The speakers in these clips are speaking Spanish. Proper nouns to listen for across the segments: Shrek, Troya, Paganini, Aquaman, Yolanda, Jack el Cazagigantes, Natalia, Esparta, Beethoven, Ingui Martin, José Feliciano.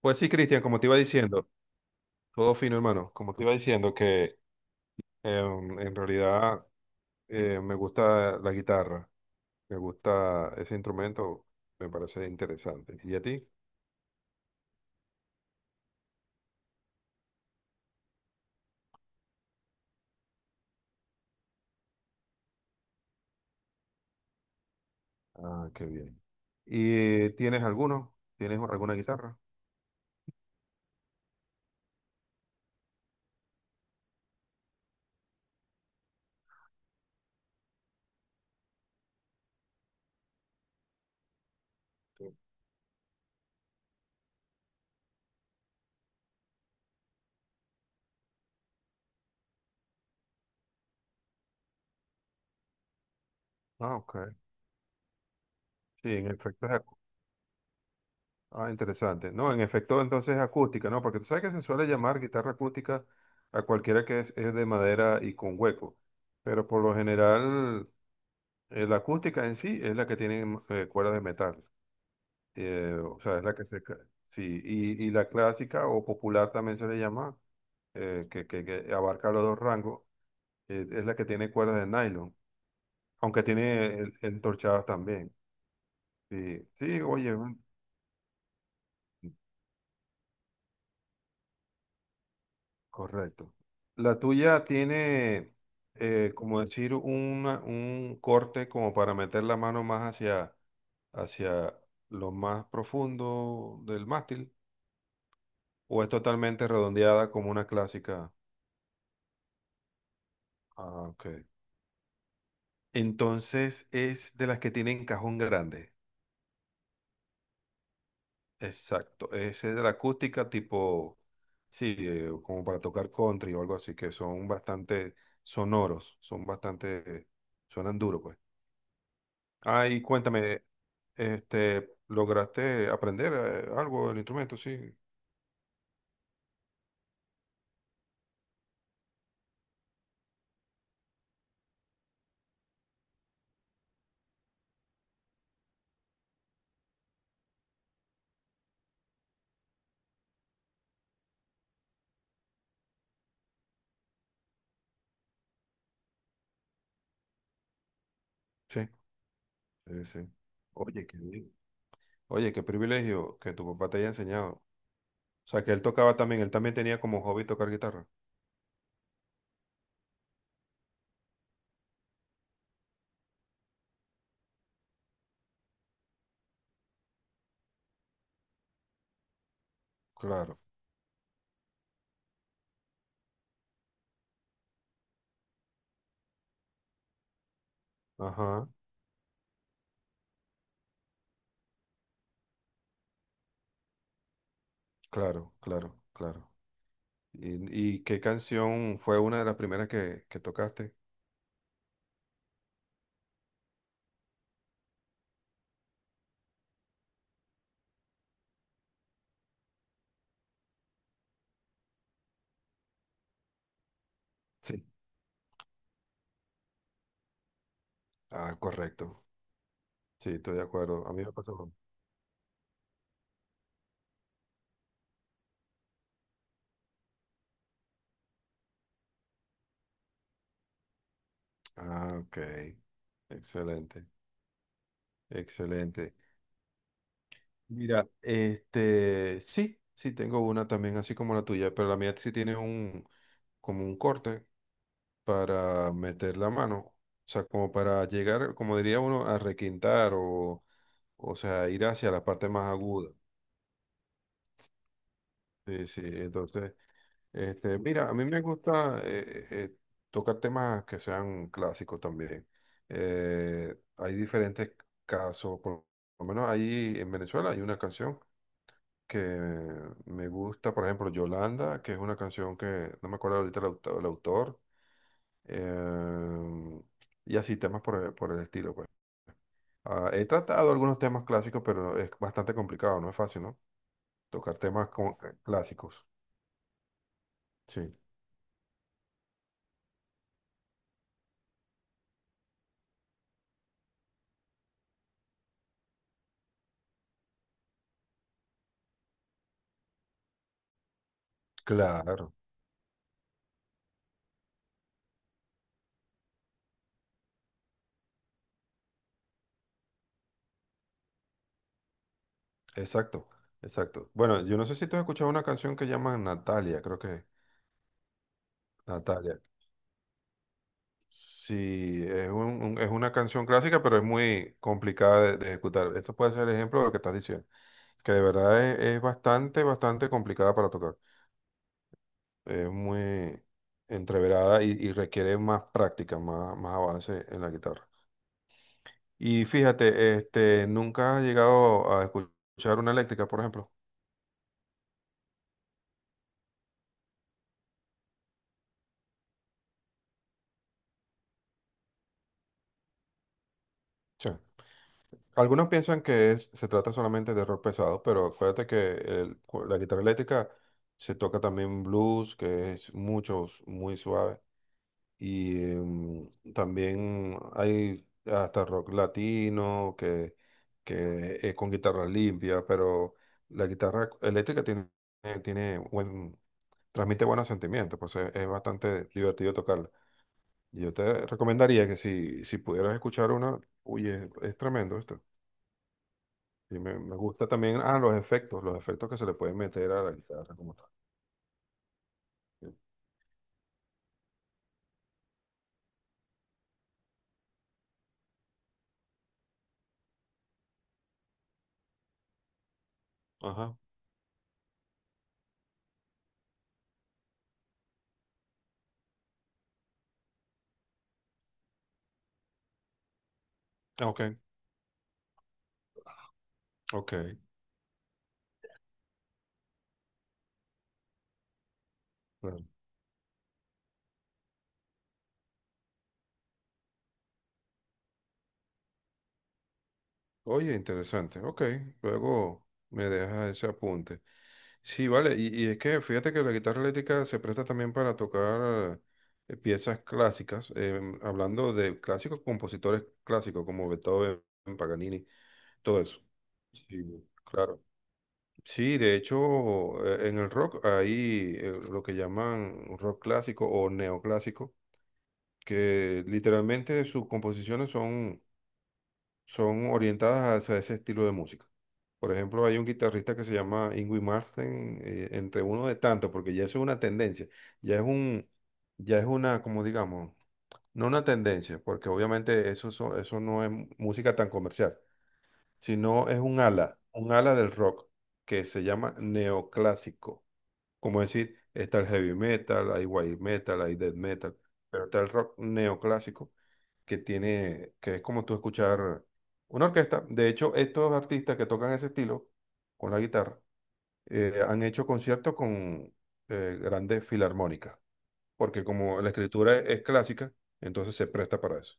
Pues sí, Cristian, como te iba diciendo, todo fino, hermano. Como te iba diciendo, que en realidad me gusta la guitarra, me gusta ese instrumento, me parece interesante. ¿Y a ti? Ah, qué bien. ¿Y tienes alguno? ¿Tienes alguna guitarra? Ah, ok. Sí, en efecto es ah, interesante. No, en efecto entonces es acústica, ¿no? Porque tú sabes que se suele llamar guitarra acústica a cualquiera que es de madera y con hueco. Pero por lo general la acústica en sí es la que tiene cuerda de metal, o sea, es la que sí, y la clásica o popular también se le llama, que abarca los dos rangos, es la que tiene cuerdas de nylon, aunque tiene entorchadas también. Sí, sí, oye, correcto. La tuya tiene, como decir, un corte como para meter la mano más hacia, hacia lo más profundo del mástil, o es totalmente redondeada como una clásica. Ah, ok. Entonces es de las que tienen cajón grande. Exacto. Es de la acústica tipo, sí, como para tocar country o algo así, que son bastante sonoros, son bastante, suenan duro, pues. Ah, y cuéntame, este, ¿lograste aprender algo del instrumento? Sí, sí, sí, sí. Oye, qué bien. Oye, qué privilegio que tu papá te haya enseñado. O sea, que él tocaba también, él también tenía como hobby tocar guitarra. Claro, ajá, claro, claro, claro. Y qué canción fue una de las primeras que tocaste? Sí. Ah, correcto. Sí, estoy de acuerdo. A mí me pasó mismo. Ah, ok. Excelente, excelente. Mira, este, sí, sí, tengo una también así como la tuya, pero la mía sí tiene un, como un corte para meter la mano. O sea, como para llegar, como diría uno, a requintar o sea, ir hacia la parte más aguda. Sí, sí. Entonces, este, mira, a mí me gusta tocar temas que sean clásicos también. Hay diferentes casos, por lo menos ahí en Venezuela hay una canción que me gusta, por ejemplo, Yolanda, que es una canción que no me acuerdo ahorita el el autor, em, y así temas por, por el estilo, pues. Ah, he tratado algunos temas clásicos, pero es bastante complicado, no es fácil, ¿no? Tocar temas como que clásicos. Sí, claro, exacto, exacto. Bueno, yo no sé si tú has escuchado una canción que llaman Natalia, creo que Natalia. Sí, es, es una canción clásica, pero es muy complicada de ejecutar. Esto puede ser el ejemplo de lo que estás diciendo, que de verdad es bastante, bastante complicada para tocar. Es muy entreverada y requiere más práctica, más, más avance en la guitarra. Y fíjate, este, ¿nunca has llegado a escuchar una eléctrica, por ejemplo? Algunos piensan que se trata solamente de rock pesado, pero acuérdate que la guitarra eléctrica se toca también blues, que es mucho, muy suave. Y también hay hasta rock latino, que es con guitarra limpia, pero la guitarra eléctrica tiene, tiene buen, transmite buenos sentimientos, pues es bastante divertido tocarla. Yo te recomendaría que si pudieras escuchar una, oye, es tremendo esto. Y me gusta también, ah, los efectos que se le pueden meter a la guitarra como tal. Sí. Ajá. Ah, ok, ok. Bueno, oye, interesante. Ok, luego me deja ese apunte. Sí, vale, y es que fíjate que la guitarra eléctrica se presta también para tocar piezas clásicas, hablando de clásicos, compositores clásicos como Beethoven, Paganini, todo eso. Sí, claro. Sí, de hecho, en el rock hay lo que llaman rock clásico o neoclásico, que literalmente sus composiciones son, son orientadas hacia ese estilo de música. Por ejemplo, hay un guitarrista que se llama Ingui Martin, entre uno de tantos, porque ya eso es una tendencia, ya es un, ya es una, como digamos, no una tendencia, porque obviamente eso, eso no es música tan comercial, sino es un ala del rock que se llama neoclásico. Como decir, está el heavy metal, hay white metal, hay death metal, pero está el rock neoclásico que tiene, que es como tú escuchar una orquesta. De hecho, estos artistas que tocan ese estilo con la guitarra han hecho conciertos con grandes filarmónicas, porque como la escritura es clásica, entonces se presta para eso.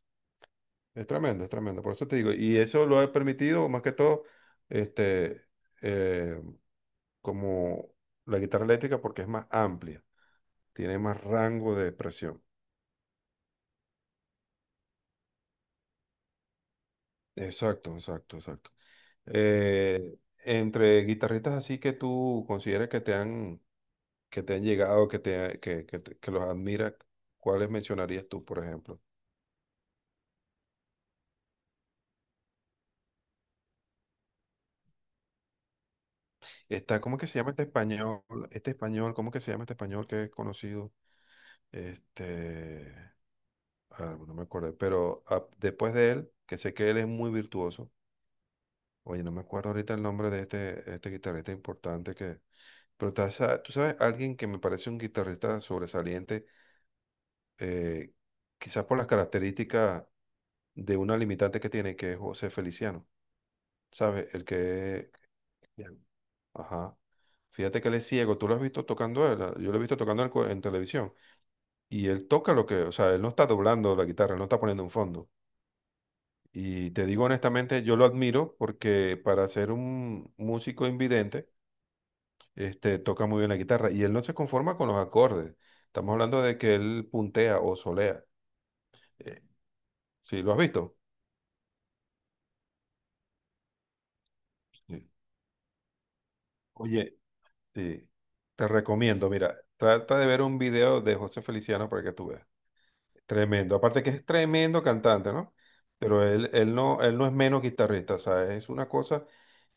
Es tremendo, por eso te digo. Y eso lo ha permitido más que todo, este, eh, como la guitarra eléctrica, porque es más amplia, tiene más rango de expresión. Exacto, exacto, exacto. Eh, entre guitarristas así que tú consideres que te han llegado, que los admiras, ¿cuáles mencionarías tú, por ejemplo? Está, ¿cómo que se llama este español? Este español, ¿cómo que se llama este español que es conocido? Este, ah, no me acuerdo, pero ah, después de él, que sé que él es muy virtuoso, oye, no me acuerdo ahorita el nombre de este, este guitarrista importante que... Pero tú sabes, alguien que me parece un guitarrista sobresaliente, eh, quizás por las características de una limitante que tiene, que es José Feliciano, ¿sabes? El que... Bien. Ajá. Fíjate que él es ciego, tú lo has visto tocando, a él. Ah, yo lo he visto tocando a él en televisión, y él toca lo que, o sea, él no está doblando la guitarra, él no está poniendo un fondo. Y te digo honestamente, yo lo admiro porque para ser un músico invidente, este, toca muy bien la guitarra y él no se conforma con los acordes. Estamos hablando de que él puntea o solea. Eh, ¿Sí lo has visto? Sí. Oye, sí. Te recomiendo, mira, trata de ver un video de José Feliciano para que tú veas. Tremendo. Aparte que es tremendo cantante, ¿no? Pero él, él no es menos guitarrista, ¿sabes? Es una cosa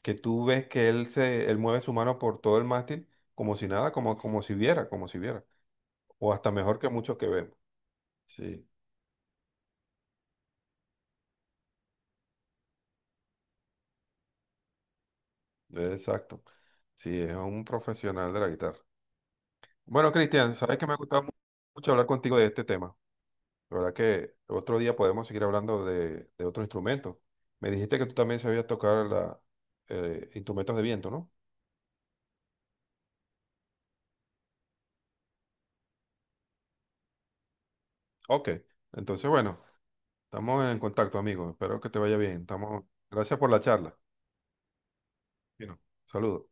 que tú ves que él se, él mueve su mano por todo el mástil como si nada, como, como si viera, como si viera. O hasta mejor que muchos que vemos. Sí. Exacto. Sí, es un profesional de la guitarra. Bueno, Cristian, sabes que me ha gustado mucho hablar contigo de este tema. La verdad que otro día podemos seguir hablando de otro instrumento. Me dijiste que tú también sabías tocar la, instrumentos de viento, ¿no? Ok. Entonces, bueno, estamos en contacto, amigo. Espero que te vaya bien. Estamos... Gracias por la charla. Bueno, saludos.